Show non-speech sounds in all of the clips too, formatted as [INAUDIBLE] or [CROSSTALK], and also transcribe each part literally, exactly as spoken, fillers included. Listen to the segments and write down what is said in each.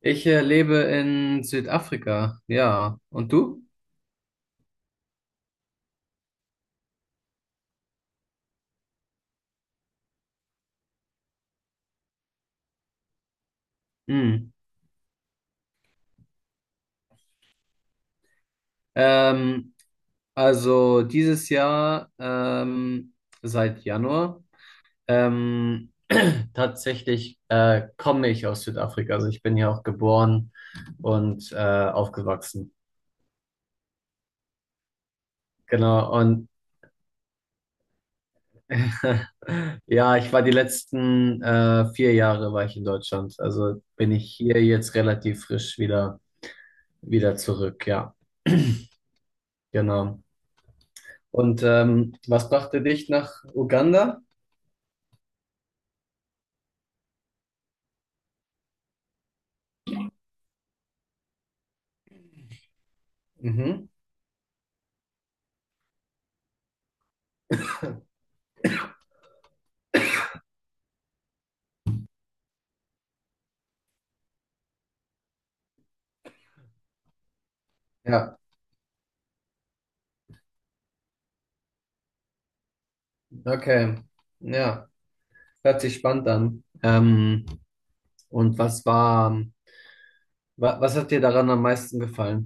Ich äh, lebe in Südafrika, ja. Und du? Hm. Ähm, also dieses Jahr, ähm, seit Januar, ähm, tatsächlich äh, komme ich aus Südafrika. Also ich bin hier auch geboren und äh, aufgewachsen. Genau. Und [LAUGHS] ja, ich war die letzten äh, vier Jahre war ich in Deutschland. Also bin ich hier jetzt relativ frisch wieder, wieder zurück, ja. Genau. Und ähm, was brachte dich nach Uganda? Mhm. Ja, okay. Ja, hört sich spannend an. Ähm, und was war, wa was hat dir daran am meisten gefallen?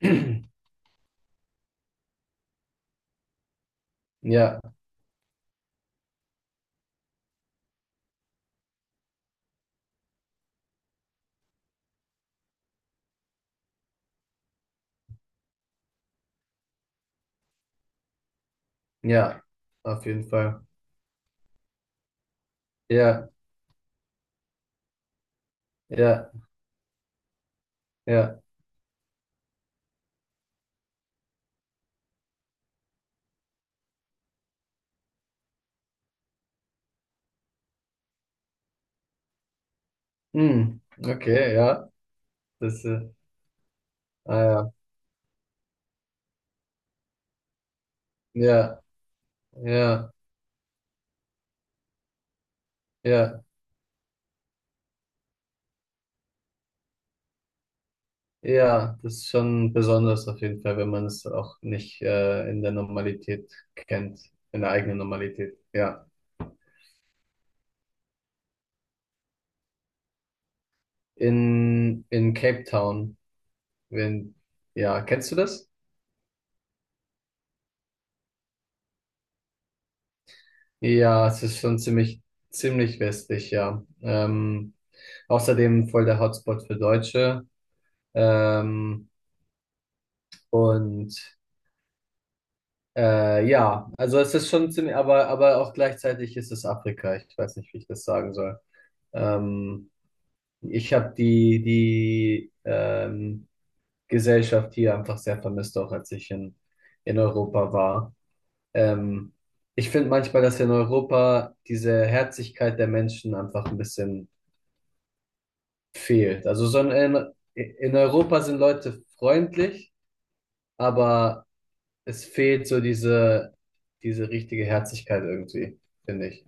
[CLEARS THROAT] Ja, ja, auf jeden Fall. Ja, ja, ja. Hm, okay, ja. Das, äh, ah, ja, ja, ja, ja, ja. Das ist schon besonders auf jeden Fall, wenn man es auch nicht äh, in der Normalität kennt, in der eigenen Normalität. Ja. in, in Cape Town. Wenn, ja, kennst du das? Ja, es ist schon ziemlich, ziemlich westlich, ja. Ähm, außerdem voll der Hotspot für Deutsche. Ähm, und äh, ja, also es ist schon ziemlich, aber, aber auch gleichzeitig ist es Afrika. Ich weiß nicht, wie ich das sagen soll. Ähm, Ich habe die, die ähm, Gesellschaft hier einfach sehr vermisst, auch als ich in, in Europa war. Ähm, Ich finde manchmal, dass in Europa diese Herzlichkeit der Menschen einfach ein bisschen fehlt. Also so in, in Europa sind Leute freundlich, aber es fehlt so diese, diese richtige Herzlichkeit irgendwie, finde ich.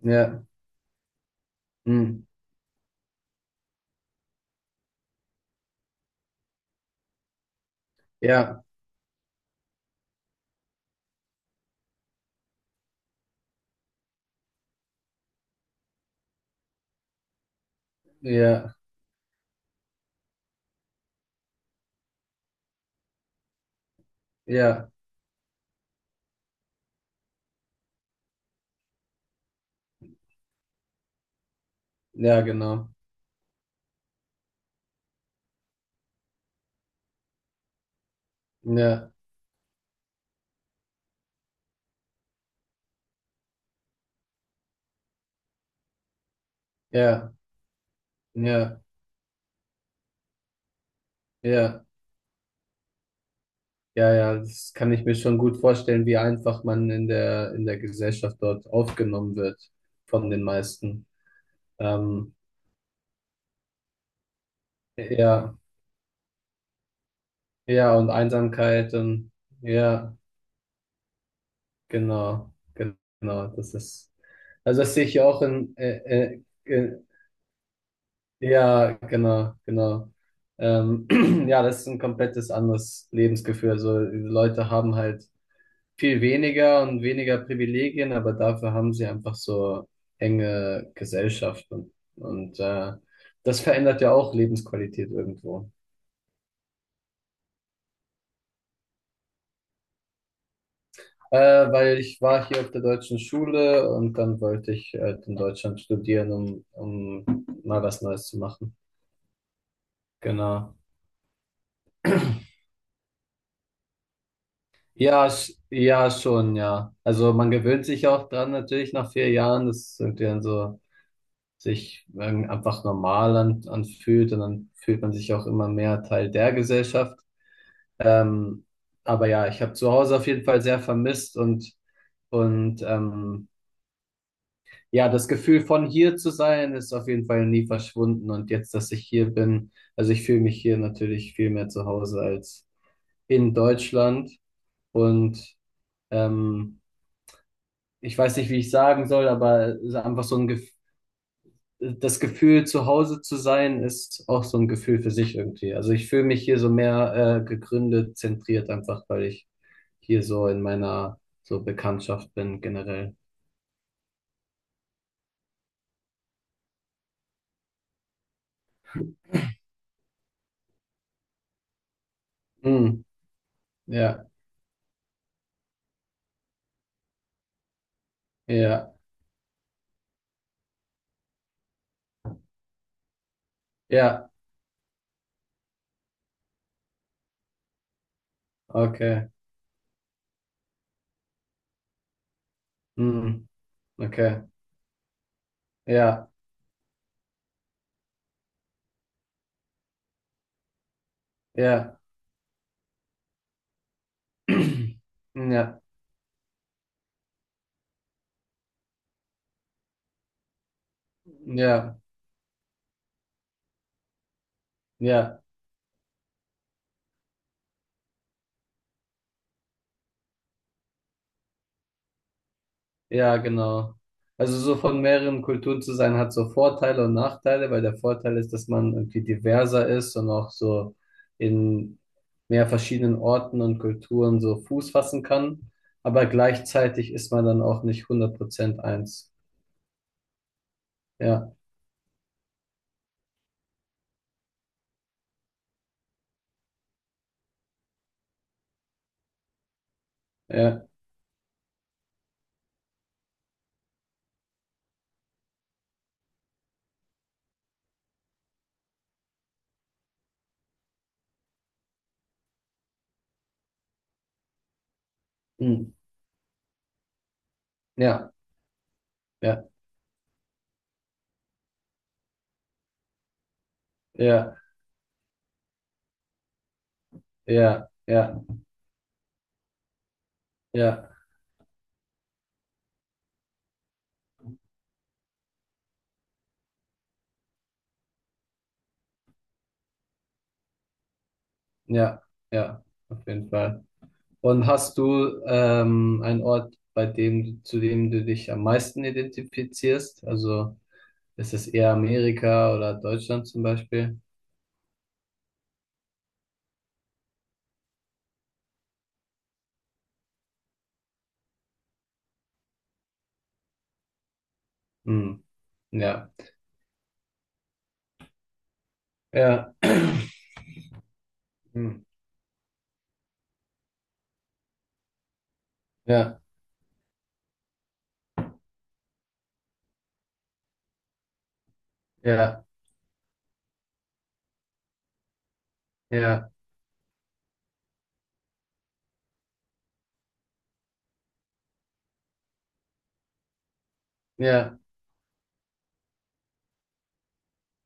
Ja, hm. Ja, ja, ja, ja, genau. Ja, ja, ja, ja, ja, ja, das kann ich mir schon gut vorstellen, wie einfach man in der, in der Gesellschaft dort aufgenommen wird von den meisten. Ähm, ja, ja, und Einsamkeit und ja, genau, gen- genau, das ist, also das sehe ich ja auch in, äh, äh, ge- ja, genau, genau. Ähm, [CLEARS THROAT] ja, das ist ein komplettes anderes Lebensgefühl. Also die Leute haben halt viel weniger und weniger Privilegien, aber dafür haben sie einfach so enge Gesellschaft und, und äh, das verändert ja auch Lebensqualität irgendwo. Äh, Weil ich war hier auf der deutschen Schule und dann wollte ich halt in Deutschland studieren, um, um mal was Neues zu machen. Genau. Ja, sch ja, schon, ja. Also man gewöhnt sich auch dran natürlich nach vier Jahren, dass es irgendwie dann so sich ähm, einfach normal an anfühlt und dann fühlt man sich auch immer mehr Teil der Gesellschaft. Ähm, aber ja, ich habe zu Hause auf jeden Fall sehr vermisst und und ähm, ja, das Gefühl von hier zu sein ist auf jeden Fall nie verschwunden. Und jetzt, dass ich hier bin, also ich fühle mich hier natürlich viel mehr zu Hause als in Deutschland. Und ähm, ich weiß nicht, wie ich sagen soll, aber es ist einfach so ein Gef das Gefühl, zu Hause zu sein, ist auch so ein Gefühl für sich irgendwie. Also ich fühle mich hier so mehr äh, gegründet, zentriert, einfach weil ich hier so in meiner so Bekanntschaft bin generell. Mm, ja, ja, ja, okay. Mm. Okay. Ja, ja. [CLEARS THROAT] Ja, ja, ja, ja, genau. Also so von mehreren Kulturen zu sein hat so Vorteile und Nachteile, weil der Vorteil ist, dass man irgendwie diverser ist und auch so in mehr verschiedenen Orten und Kulturen so Fuß fassen kann. Aber gleichzeitig ist man dann auch nicht hundert Prozent eins. Ja, ja, mm, ja, ja, ja, ja, ja, ja, ja, ja, auf jeden Fall. Und hast du ähm, einen Ort, bei dem, du- zu dem du dich am meisten identifizierst? Also ist es eher Amerika oder Deutschland zum Beispiel? Hm. Ja, ja, hm. Ja, ja, ja, ja,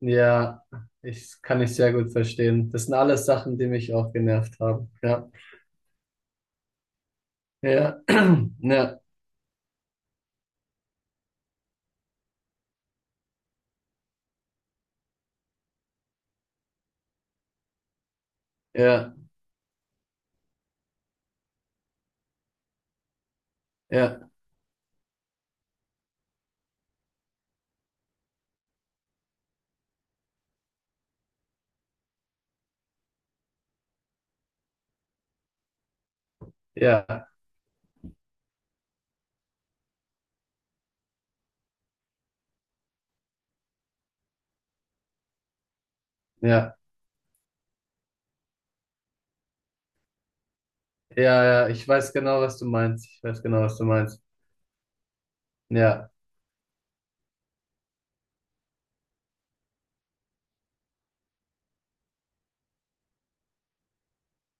ja. Ich kann ich sehr gut verstehen. Das sind alles Sachen, die mich auch genervt haben. Ja, ja, [CLEARS THROAT] ja, ja, ja, ja, ja, ja, ja. Ich weiß genau, was du meinst. Ich weiß genau, was du meinst. Ja,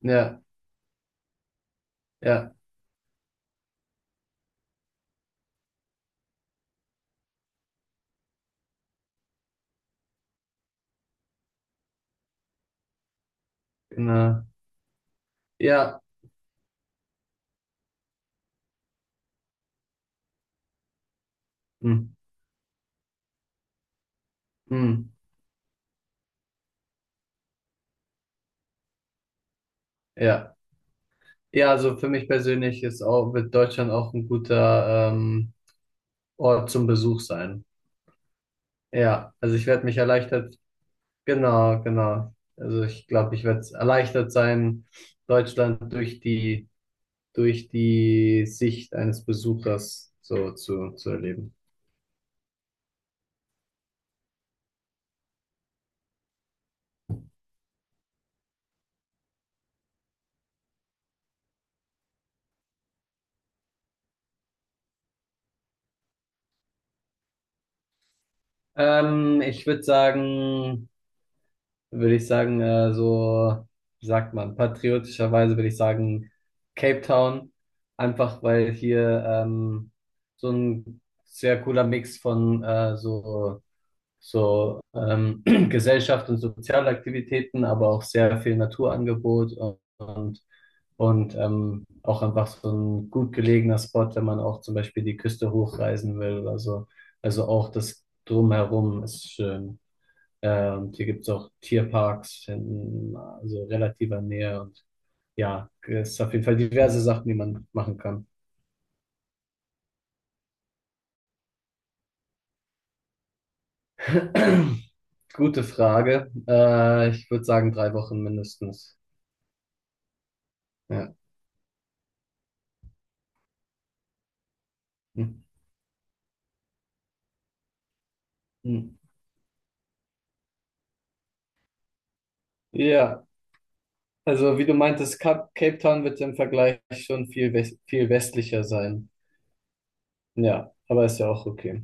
ja, ja, genau. Ja, hm, hm, ja. Ja, also für mich persönlich ist auch, wird Deutschland auch ein guter ähm, Ort zum Besuch sein. Ja, also ich werde mich erleichtert, genau, genau. Also ich glaube, ich werde erleichtert sein, Deutschland durch die, durch die Sicht eines Besuchers so zu, zu erleben. Ähm, ich würde sagen, würde ich sagen, äh, so, wie sagt man, patriotischerweise würde ich sagen, Cape Town, einfach weil hier ähm, so ein sehr cooler Mix von äh, so, so ähm, [CLEARS THROAT] Gesellschaft und Sozialaktivitäten, aber auch sehr viel Naturangebot und, und, und ähm, auch einfach so ein gut gelegener Spot, wenn man auch zum Beispiel die Küste hochreisen will oder so. Also auch das Drumherum ist schön. Ähm, hier gibt es auch Tierparks in also relativer Nähe und ja, es ist auf jeden Fall diverse Sachen, die man machen kann. [CLEARS THROAT] Gute Frage. Äh, ich würde sagen, drei Wochen mindestens. Ja. Hm. Hm. Ja, also wie du meintest, Cap Cape Town wird im Vergleich schon viel, wes viel westlicher sein. Ja, aber ist ja auch okay.